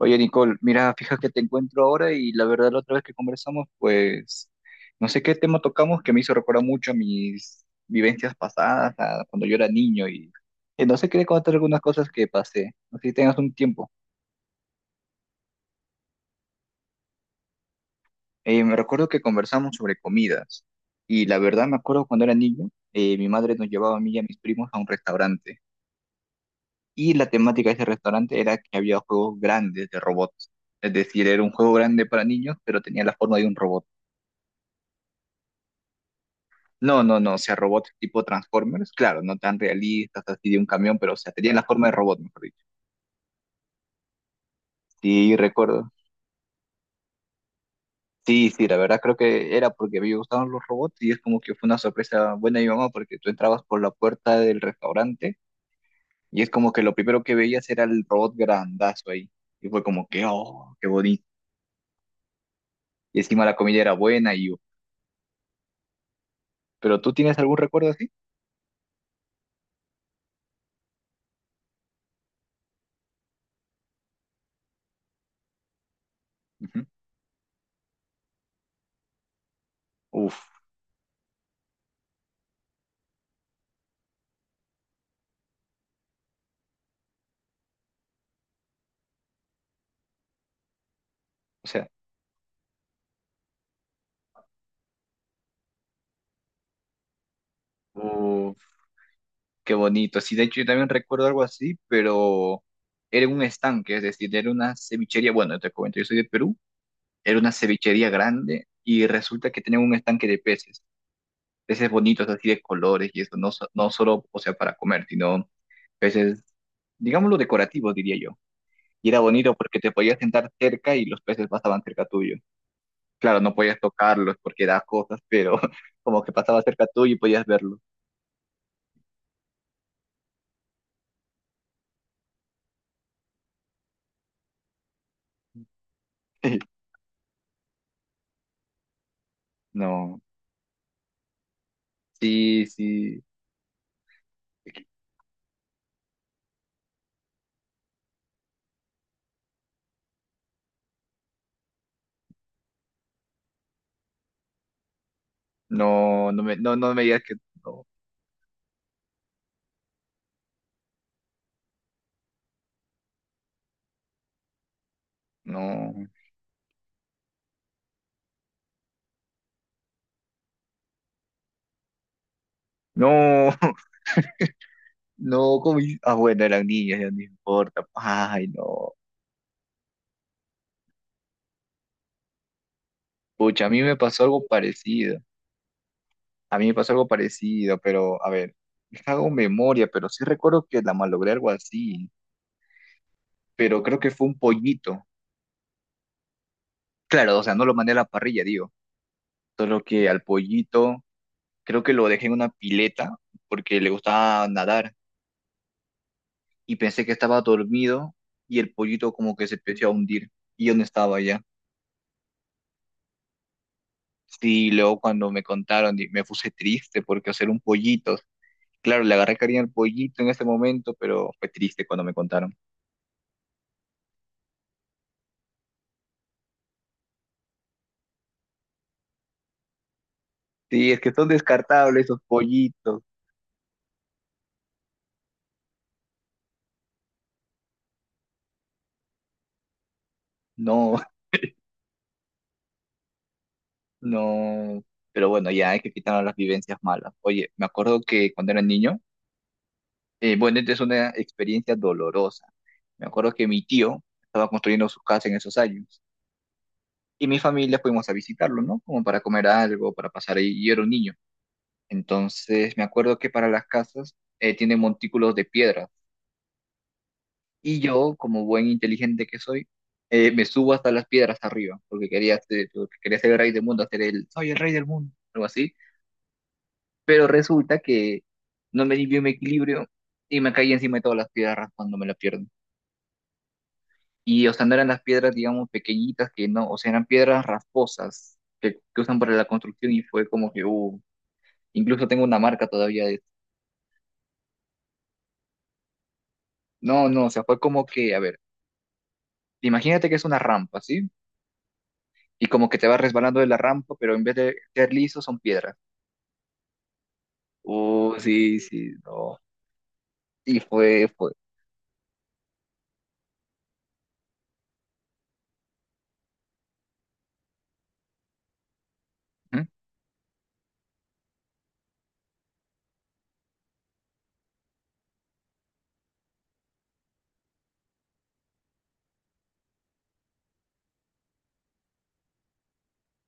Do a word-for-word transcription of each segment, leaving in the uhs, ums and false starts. Oye, Nicole, mira, fija que te encuentro ahora y la verdad la otra vez que conversamos, pues no sé qué tema tocamos que me hizo recordar mucho a mis vivencias pasadas, a cuando yo era niño y, y no sé, quería contar algunas cosas que pasé, no sé si tengas un tiempo. Eh, me recuerdo que conversamos sobre comidas y la verdad me acuerdo cuando era niño, eh, mi madre nos llevaba a mí y a mis primos a un restaurante y la temática de ese restaurante era que había juegos grandes de robots, es decir, era un juego grande para niños, pero tenía la forma de un robot. No, no, no, o sea, robots tipo Transformers, claro, no tan realistas, así de un camión, pero o sea, tenían la forma de robot, mejor dicho. Sí, recuerdo. Sí, sí, la verdad creo que era porque me gustaban los robots y es como que fue una sorpresa buena de mi mamá porque tú entrabas por la puerta del restaurante y es como que lo primero que veías era el robot grandazo ahí y fue como que, oh, qué bonito. Y encima la comida era buena y yo, ¿pero tú tienes algún recuerdo así? Ujú. Uf, o sea, O Qué bonito. Sí, de hecho yo también recuerdo algo así, pero era un estanque, es decir, era una cevichería. Bueno, te comento, yo soy de Perú, era una cevichería grande y resulta que tenían un estanque de peces, peces bonitos así de colores y eso, no, so- no solo, o sea, para comer, sino peces, digámoslo, decorativos, diría yo. Y era bonito porque te podías sentar cerca y los peces pasaban cerca tuyo. Claro, no podías tocarlos porque da cosas, pero como que pasaba cerca tuyo y podías verlo. No, sí, sí. No, no me, no, no me digas que no, no, no, no, como, ah, bueno, eran niños, ya no importa, ay, no, pucha, a mí me pasó algo parecido, a mí me pasó algo parecido, pero, a ver, hago memoria, pero sí recuerdo que la malogré algo así, pero creo que fue un pollito, claro, o sea, no lo mandé a la parrilla, digo, solo que al pollito, creo que lo dejé en una pileta, porque le gustaba nadar, y pensé que estaba dormido, y el pollito como que se empezó a hundir, y yo no estaba ya. Sí, luego cuando me contaron, di- me puse triste porque hacer un pollito. Claro, le agarré cariño al pollito en ese momento, pero fue triste cuando me contaron. Sí, es que son descartables esos pollitos. No, no. Pero bueno, ya hay que quitar las vivencias malas. Oye, me acuerdo que cuando era niño, eh, bueno, esta es una experiencia dolorosa. Me acuerdo que mi tío estaba construyendo su casa en esos años y mi familia fuimos a visitarlo, ¿no? Como para comer algo, para pasar ahí. Y yo era un niño. Entonces, me acuerdo que para las casas eh, tienen montículos de piedras. Y yo, como buen inteligente que soy, eh, me subo hasta las piedras arriba, porque quería ser, porque quería ser el rey del mundo, hacer el, soy el rey del mundo, algo así. Pero resulta que no me di bien mi equilibrio y me caí encima de todas las piedras cuando me la pierdo. Y, o sea, no eran las piedras, digamos, pequeñitas, que no, o sea, eran piedras rasposas que, que usan para la construcción y fue como que, uh, incluso tengo una marca todavía de... No, no, o sea, fue como que, a ver. Imagínate que es una rampa, ¿sí? Y como que te vas resbalando de la rampa, pero en vez de ser liso son piedras. Uh, sí, sí, no. Sí, fue, fue. Ujú,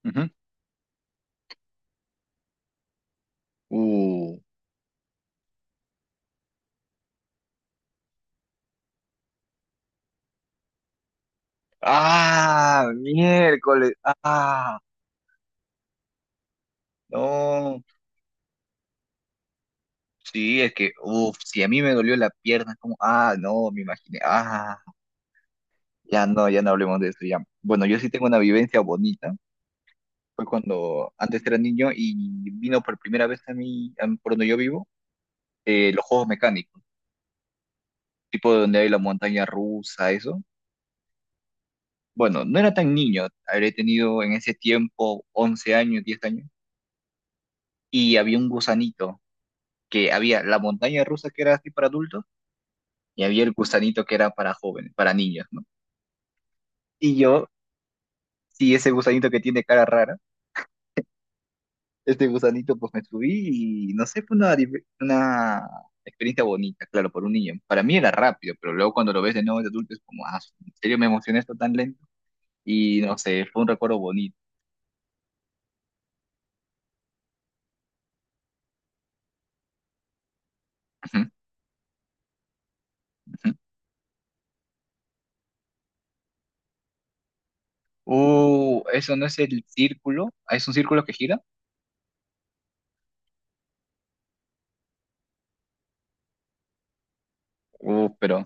ujú. Uh. Ah, miércoles. Ah, no. Sí, es que, uff, si a mí me dolió la pierna, como, ah, no, me imaginé. Ah, ya no, ya no hablemos de eso, ya. Bueno, yo sí tengo una vivencia bonita. Fue cuando antes era niño y vino por primera vez a mí, a- por donde yo vivo, eh, los juegos mecánicos. Tipo donde hay la montaña rusa, eso. Bueno, no era tan niño, habré tenido en ese tiempo once años, diez años, y había un gusanito, que había la montaña rusa que era así para adultos, y había el gusanito que era para jóvenes, para niños, ¿no? Y yo, sí, ese gusanito que tiene cara rara, este gusanito pues me subí y no sé, fue una, div- una experiencia bonita, claro, por un niño. Para mí era rápido, pero luego cuando lo ves de nuevo de adulto es como, ah, ¿en serio me emocioné esto tan lento? Y no sé, fue un recuerdo bonito. Uh, eso no es el círculo. Ah, ¿es un círculo que gira? Uh, pero,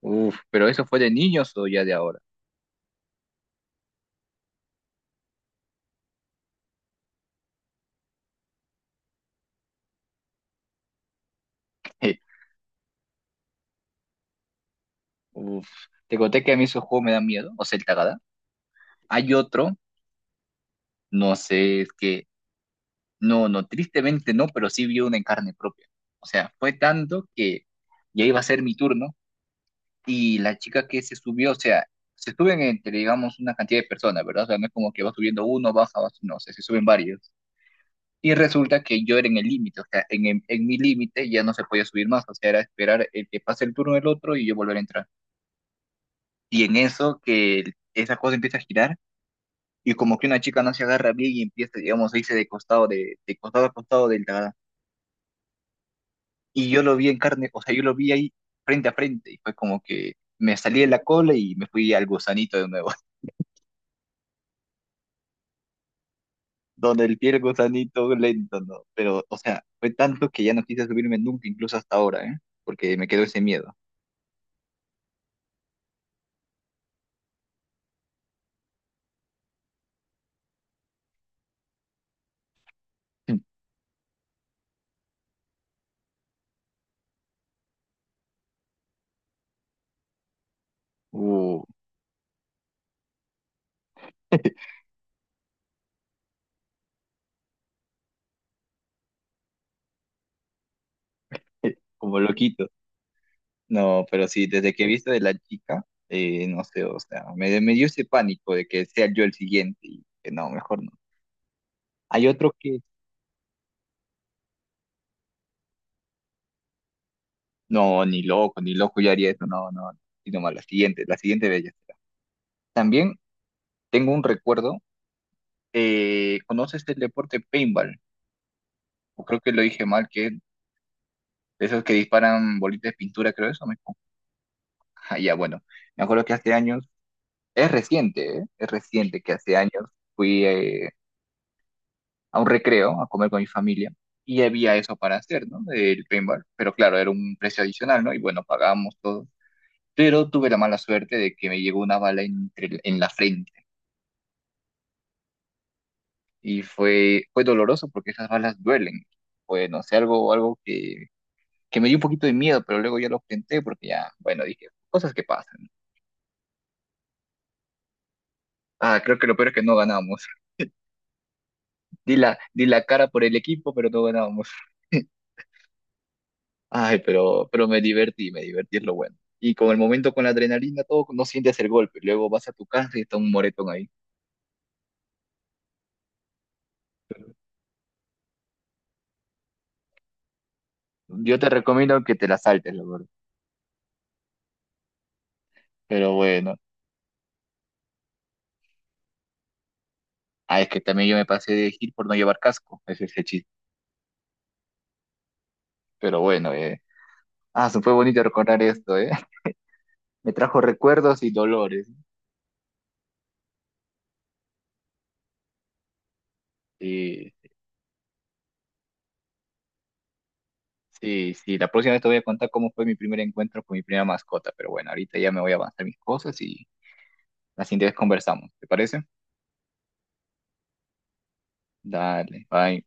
uf, pero eso fue de niños o ya de ahora. Uf, te conté que a mí esos juegos me dan miedo, o sea, el tagada. Hay otro, no sé, es que, no, no, tristemente no, pero sí vi una en carne propia. O sea, fue tanto que ya iba a ser mi turno y la chica que se subió, o sea, se suben entre, digamos, una cantidad de personas, ¿verdad? O sea, no es como que va subiendo uno, baja, baja, no, o sea, se suben varios. Y resulta que yo era en el límite, o sea, en, en- en mi límite ya no se podía subir más, o sea, era esperar el que pase el turno del otro y yo volver a entrar. Y en eso que el- esa cosa empieza a girar y como que una chica no se agarra bien y empieza, digamos, a irse de costado, de, de costado a costado del tagada. Y yo lo vi en carne, o sea, yo lo vi ahí frente a frente y fue como que me salí de la cola y me fui al gusanito de nuevo, donde el pie del gusanito lento, ¿no? Pero, o sea, fue tanto que ya no quise subirme nunca, incluso hasta ahora, ¿eh? Porque me quedó ese miedo. Uh. Como loquito. No, pero sí, desde que he visto de la chica, eh, no sé, o sea, me, me dio ese pánico de que sea yo el siguiente y que no, mejor no. Hay otro que, no, ni loco, ni loco yo haría eso, no, no, no, sino más la siguiente, la siguiente bella será. También tengo un recuerdo, eh, ¿conoces el deporte paintball? O creo que lo dije mal, que es de esos que disparan bolitas de pintura, creo eso mismo. Ah, ya, bueno, me acuerdo que hace años, es reciente, ¿eh? Es reciente que hace años fui... eh, a un recreo, a comer con mi familia, y había eso para hacer, ¿no? El paintball, pero claro, era un precio adicional, ¿no? Y bueno, pagábamos todo. Pero tuve la mala suerte de que me llegó una bala entre- en la frente y fue, fue doloroso porque esas balas duelen. Fue, no sé, algo, algo que, que me dio un poquito de miedo, pero luego ya lo enfrenté porque ya, bueno, dije, cosas que pasan. Ah, creo que lo peor es que no ganamos. Di la, di la cara por el equipo, pero no ganamos. Ay, pero, pero me divertí, me divertí es lo bueno. Y con el momento, con la adrenalina, todo, no sientes el golpe. Luego vas a tu casa y está un moretón ahí. Yo te recomiendo que te la saltes, la verdad. Pero bueno. Ah, es que también yo me pasé de gil por no llevar casco. Ese es el chiste. Pero bueno, eh. Ah, se fue bonito recordar esto, ¿eh? Me trajo recuerdos y dolores. Sí, sí, sí. La próxima vez te voy a contar cómo fue mi primer encuentro con mi primera mascota. Pero bueno, ahorita ya me voy a avanzar mis cosas y la siguiente vez conversamos. ¿Te parece? Dale, bye.